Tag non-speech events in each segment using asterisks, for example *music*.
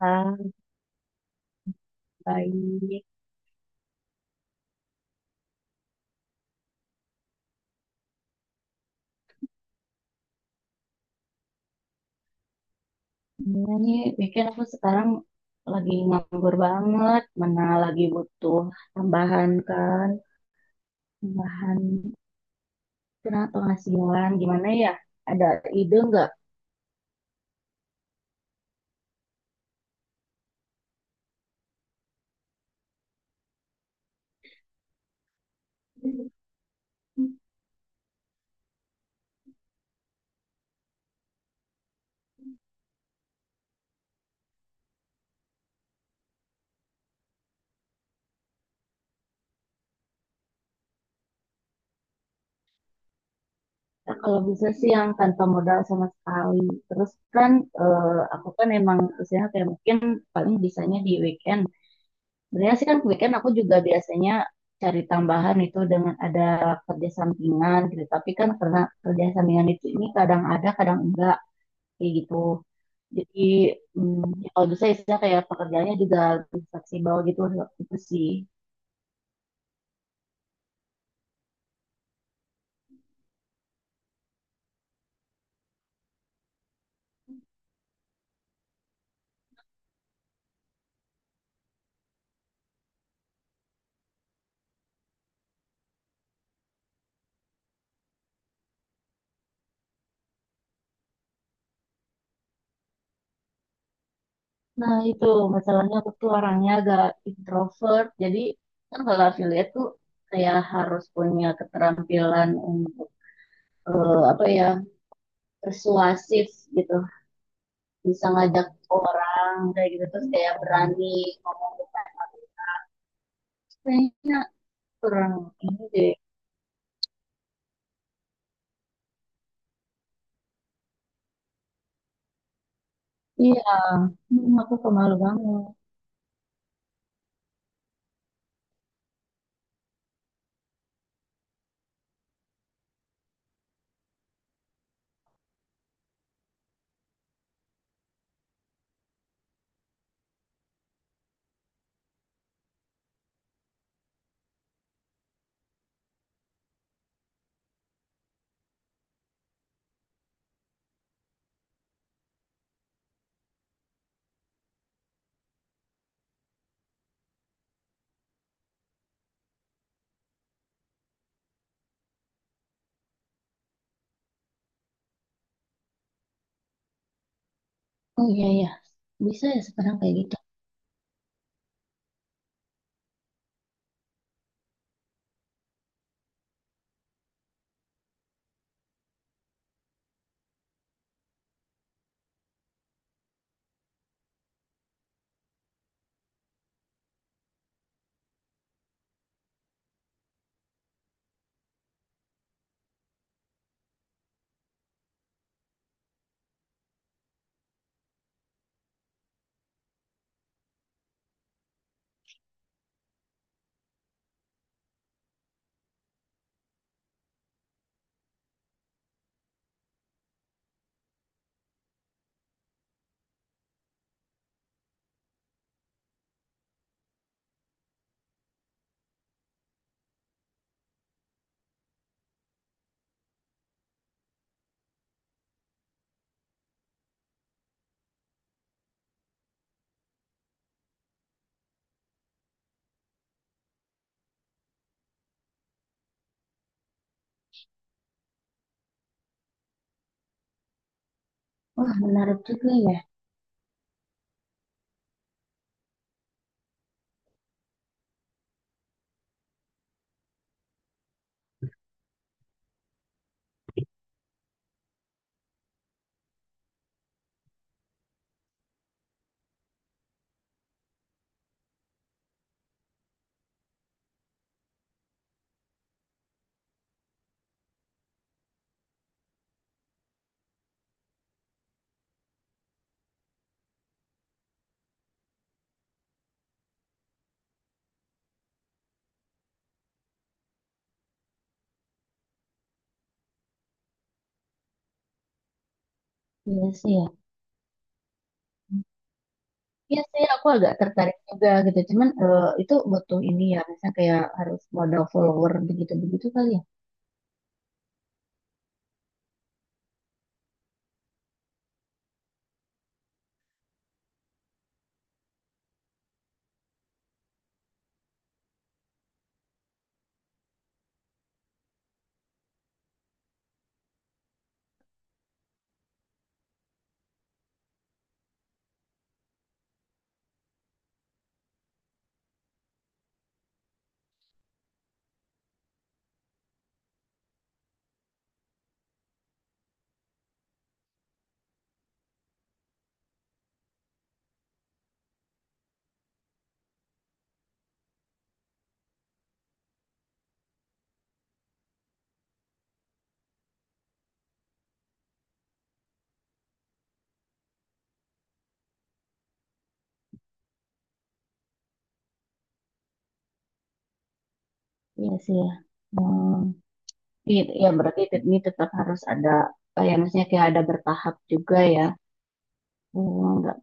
Ah, baik. Iya nih, bikin aku sekarang lagi nganggur banget. Mana lagi butuh tambahan kan, tambahan penghasilan. Gimana ya? Ada ide nggak? Ya, kalau bisa sih yang tanpa modal sama sekali. Terus kan eh, aku kan emang usianya kayak mungkin paling bisanya di weekend. Sebenarnya sih kan weekend aku juga biasanya cari tambahan itu dengan ada kerja sampingan gitu. Tapi kan karena kerja sampingan itu ini kadang ada, kadang enggak kayak gitu. Jadi ya kalau bisa istilah kayak pekerjaannya juga lebih fleksibel gitu itu sih. Nah itu masalahnya aku tuh orangnya agak introvert. Jadi kan kalau affiliate tuh kayak harus punya keterampilan untuk apa ya, persuasif gitu, bisa ngajak orang kayak gitu, terus kayak berani ngomong "Oh, kayaknya kurang ini deh." Iya, hmm, aku pemalu banget. Oh iya ya, bisa ya sekarang kayak gitu. Wah, menarik juga ya. Iya sih ya. Iya sih, aku agak tertarik juga gitu. Cuman itu butuh ini ya, misalnya kayak harus modal follower begitu-begitu kali ya. Iya sih ya. Hmm. Iya, ya berarti ini tetap harus ada, kayak maksudnya kayak ada bertahap juga ya. Hmm, nggak.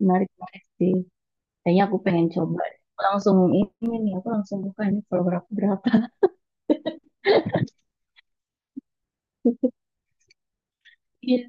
Menarik menarik sih. Kayaknya aku pengen coba. Aku langsung ini nih, aku langsung buka ini follower aku berapa. *laughs* Iya,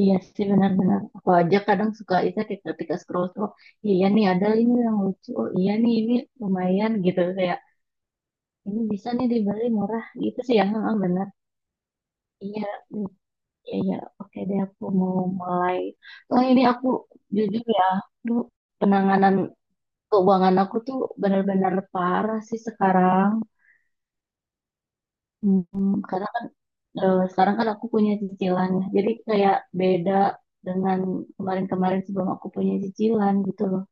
iya sih benar-benar. Aku aja kadang suka itu kayak ketika scroll scroll. Iya nih ada ini yang lucu. Oh iya nih, ini lumayan gitu, kayak ini bisa nih dibeli murah gitu sih ya, heeh, benar. Iya, mm, iya, iya. Oke deh, aku mau mulai. Soalnya ini aku jujur ya, aduh, penanganan keuangan aku tuh benar-benar parah sih sekarang. Hmm, karena kan sekarang kan aku punya cicilan, jadi kayak beda dengan kemarin-kemarin sebelum aku punya cicilan gitu loh.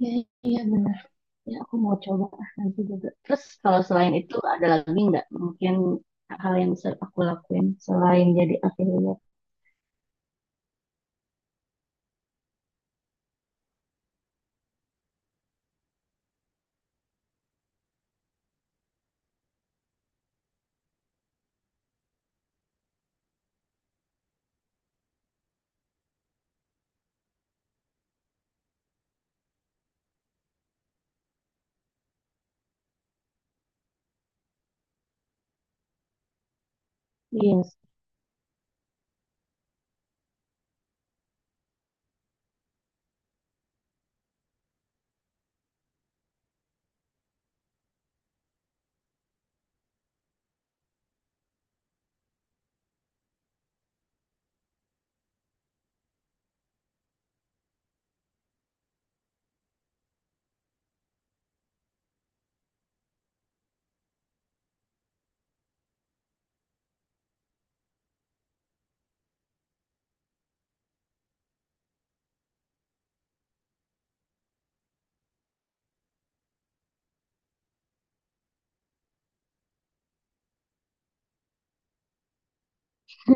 Iya, iya benar. Ya aku mau coba ah, nanti juga. Terus kalau selain itu ada lagi nggak mungkin hal yang bisa aku lakuin selain jadi affiliate? Iya.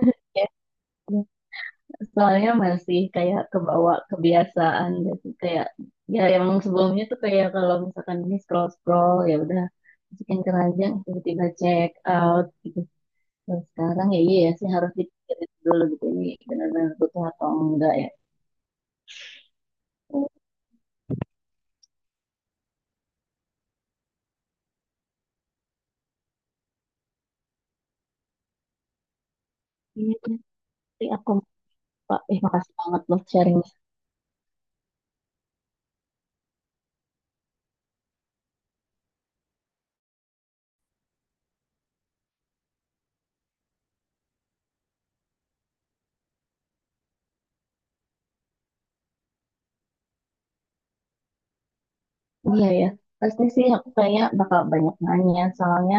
Sih. Soalnya masih kayak kebawa kebiasaan gitu, kayak ya yang sebelumnya tuh kayak kalau misalkan ini scroll scroll ya udah masukin keranjang tiba-tiba check out gitu. Kalau sekarang ya iya ya sih harus dipikirin dulu gitu, ini benar-benar butuh atau enggak ya. Oh, iya iya. Nanti aku, pak, makasih banget loh sharingnya. Iya ya, pasti sih aku kayak bakal banyak nanya soalnya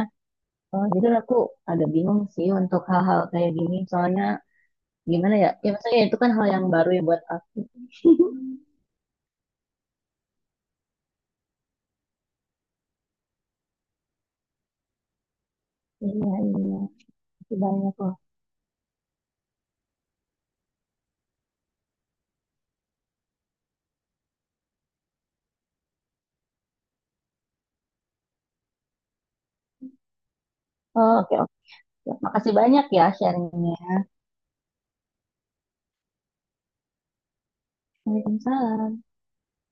jujur aku ada bingung sih untuk hal-hal kayak gini, soalnya gimana ya, ya maksudnya itu kan hal yang baru ya buat. Iya, iya. Makasih banyak loh. Oh, oke, oke. Makasih banyak ya sharingnya. Waalaikumsalam.